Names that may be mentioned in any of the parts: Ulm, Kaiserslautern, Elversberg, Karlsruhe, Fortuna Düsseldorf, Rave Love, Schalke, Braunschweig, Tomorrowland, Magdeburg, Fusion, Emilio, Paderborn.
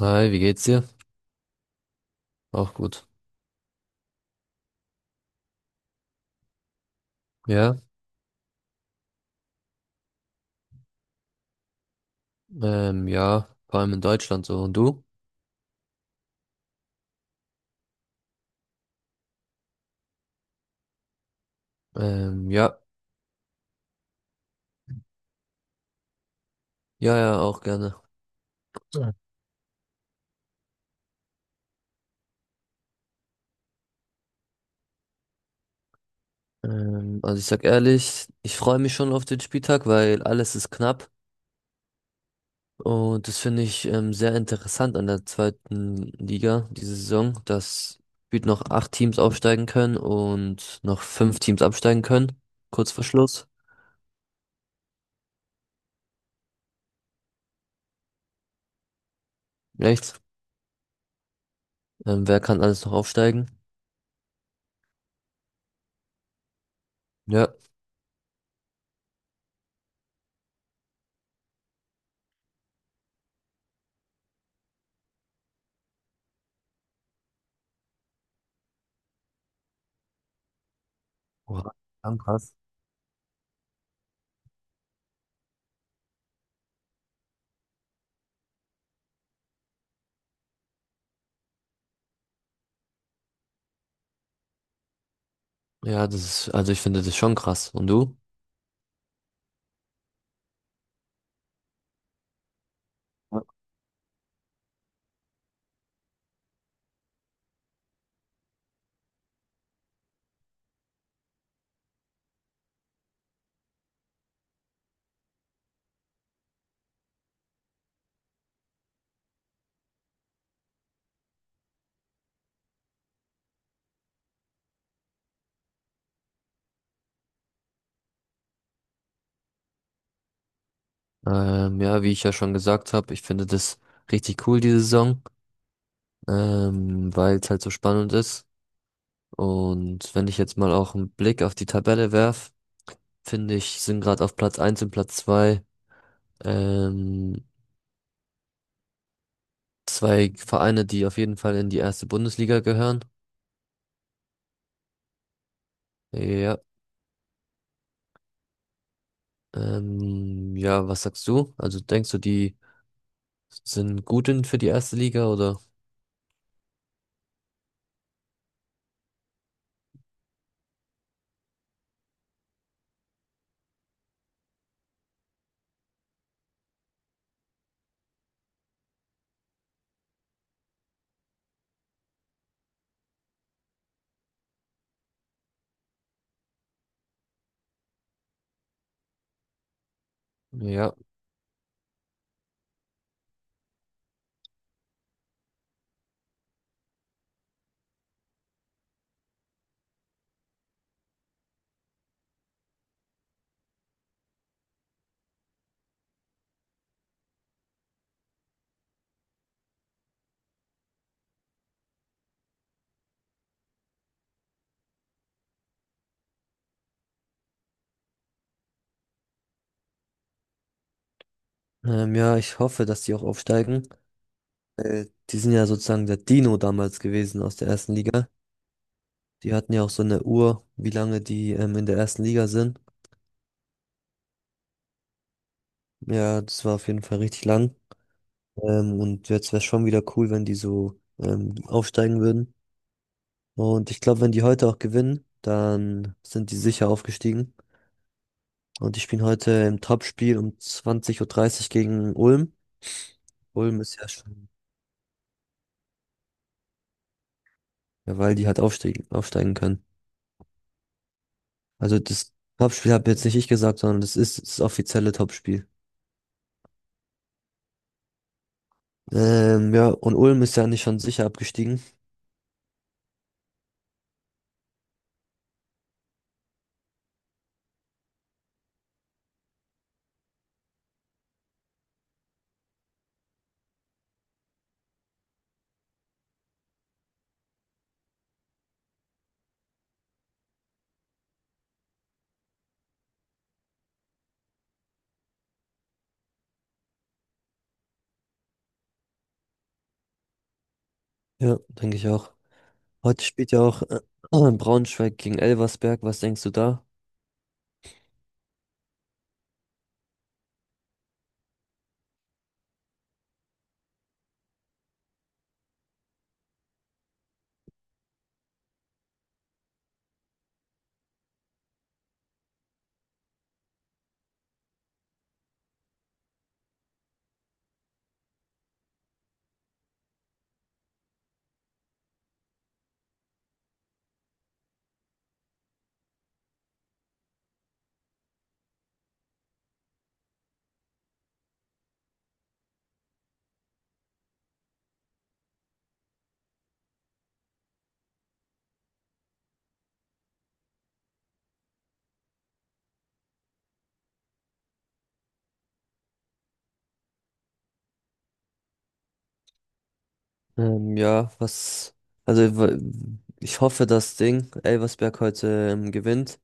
Hi, wie geht's dir? Auch gut. Ja, ja, vor allem in Deutschland so. Und du? Ja, ja, ja, auch gerne. Ja. Also ich sag ehrlich, ich freue mich schon auf den Spieltag, weil alles ist knapp. Und das finde ich sehr interessant an der zweiten Liga diese Saison, dass gefühlt noch acht Teams aufsteigen können und noch fünf Teams absteigen können. Kurz vor Schluss. Echt? Wer kann alles noch aufsteigen? Ja. Oha, krass. Ja, das ist, also ich finde das schon krass. Und du? Ja. Ja, wie ich ja schon gesagt habe, ich finde das richtig cool, diese Saison, weil es halt so spannend ist. Und wenn ich jetzt mal auch einen Blick auf die Tabelle werf, finde ich, sind gerade auf Platz eins und Platz 2 ähm, zwei Vereine, die auf jeden Fall in die erste Bundesliga gehören. Ja, ja, was sagst du? Also denkst du, die sind gut in für die erste Liga oder? Ja. Ja, ich hoffe, dass die auch aufsteigen. Die sind ja sozusagen der Dino damals gewesen aus der ersten Liga. Die hatten ja auch so eine Uhr, wie lange die in der ersten Liga sind. Ja, das war auf jeden Fall richtig lang. Und jetzt wäre es schon wieder cool, wenn die so aufsteigen würden. Und ich glaube, wenn die heute auch gewinnen, dann sind die sicher aufgestiegen. Und die spielen heute im Topspiel um 20.30 Uhr dreißig gegen Ulm. Ulm ist ja schon, ja, weil die halt aufsteigen können. Also das Topspiel habe jetzt nicht ich gesagt, sondern das ist das offizielle Topspiel. Ja, und Ulm ist ja nicht schon sicher abgestiegen. Ja, denke ich auch. Heute spielt ja auch Braunschweig gegen Elversberg. Was denkst du da? Ja, was. Also, ich hoffe, das Ding, Elversberg heute gewinnt.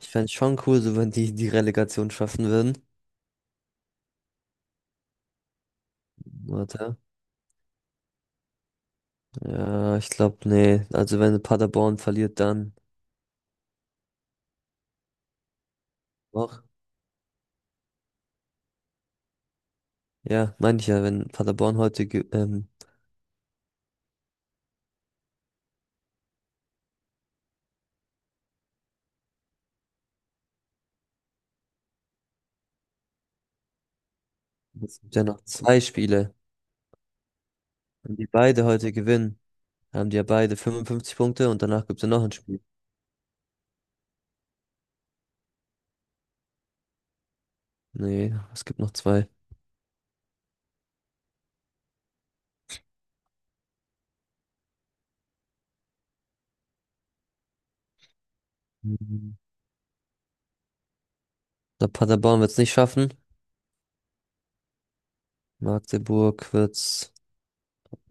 Ich fände es schon cool, so wenn die die Relegation schaffen würden. Warte. Ja, ich glaube, nee. Also, wenn Paderborn verliert, dann. Doch. Ja, meine ich ja, wenn Paderborn heute Es gibt ja noch zwei Spiele. Wenn die beide heute gewinnen, haben die ja beide 55 Punkte und danach gibt es ja noch ein Spiel. Nee, es gibt noch zwei. Mhm. Der Paderborn wird es nicht schaffen. Magdeburg wird es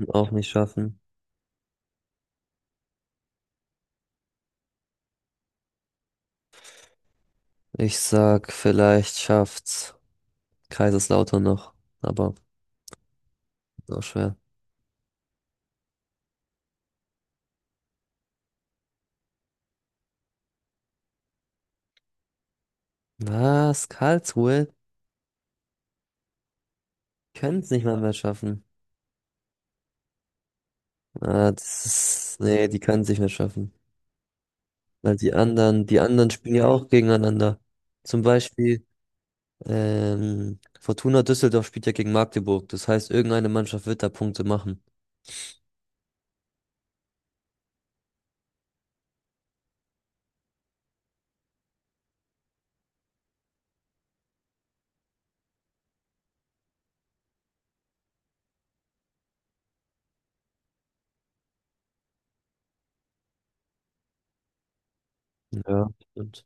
auch nicht schaffen. Ich sag, vielleicht schafft's Kaiserslautern noch. Aber ist auch schwer. Was? Karlsruhe? Können es nicht mal mehr schaffen. Ah, das ist. Nee, die können es nicht mehr schaffen. Weil die anderen spielen ja auch gegeneinander. Zum Beispiel. Fortuna Düsseldorf spielt ja gegen Magdeburg. Das heißt, irgendeine Mannschaft wird da Punkte machen. Ja. Und,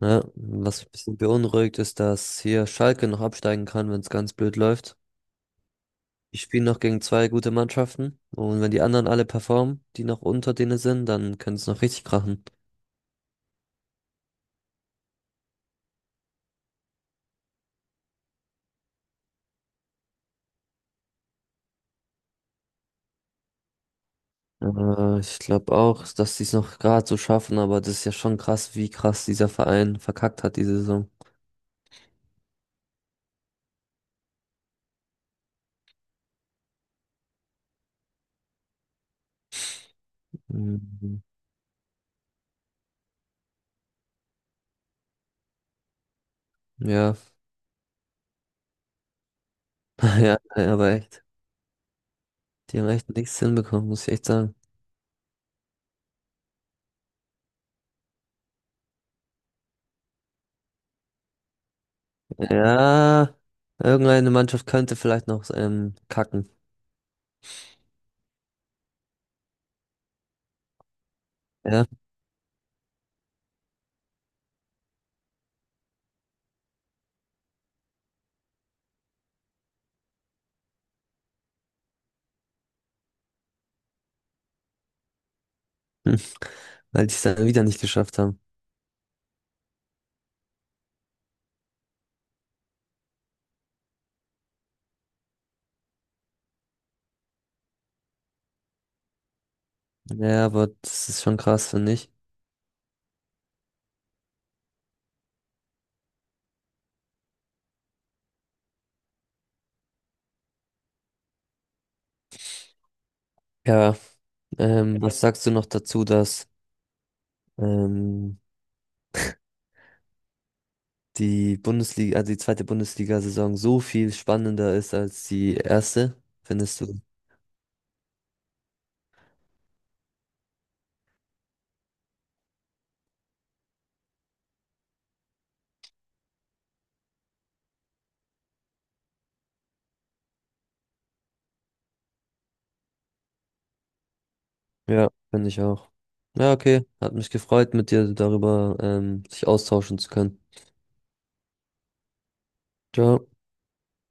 ne, was mich ein bisschen beunruhigt, ist, dass hier Schalke noch absteigen kann, wenn es ganz blöd läuft. Die spielen noch gegen zwei gute Mannschaften. Und wenn die anderen alle performen, die noch unter denen sind, dann können es noch richtig krachen. Ich glaube auch, dass die es noch gerade so schaffen, aber das ist ja schon krass, wie krass dieser Verein verkackt hat diese Saison. Mhm. Ja, ja, aber echt. Die haben echt nichts hinbekommen, muss ich echt sagen. Ja, irgendeine Mannschaft könnte vielleicht noch kacken. Ja, hm, weil die es dann wieder nicht geschafft haben. Ja, aber das ist schon krass, finde ich. Ja, was sagst du noch dazu, dass ähm, die Bundesliga, also die zweite Bundesliga-Saison so viel spannender ist als die erste? Findest du? Ja, finde ich auch. Ja, okay. Hat mich gefreut, mit dir darüber sich austauschen zu können. Ciao.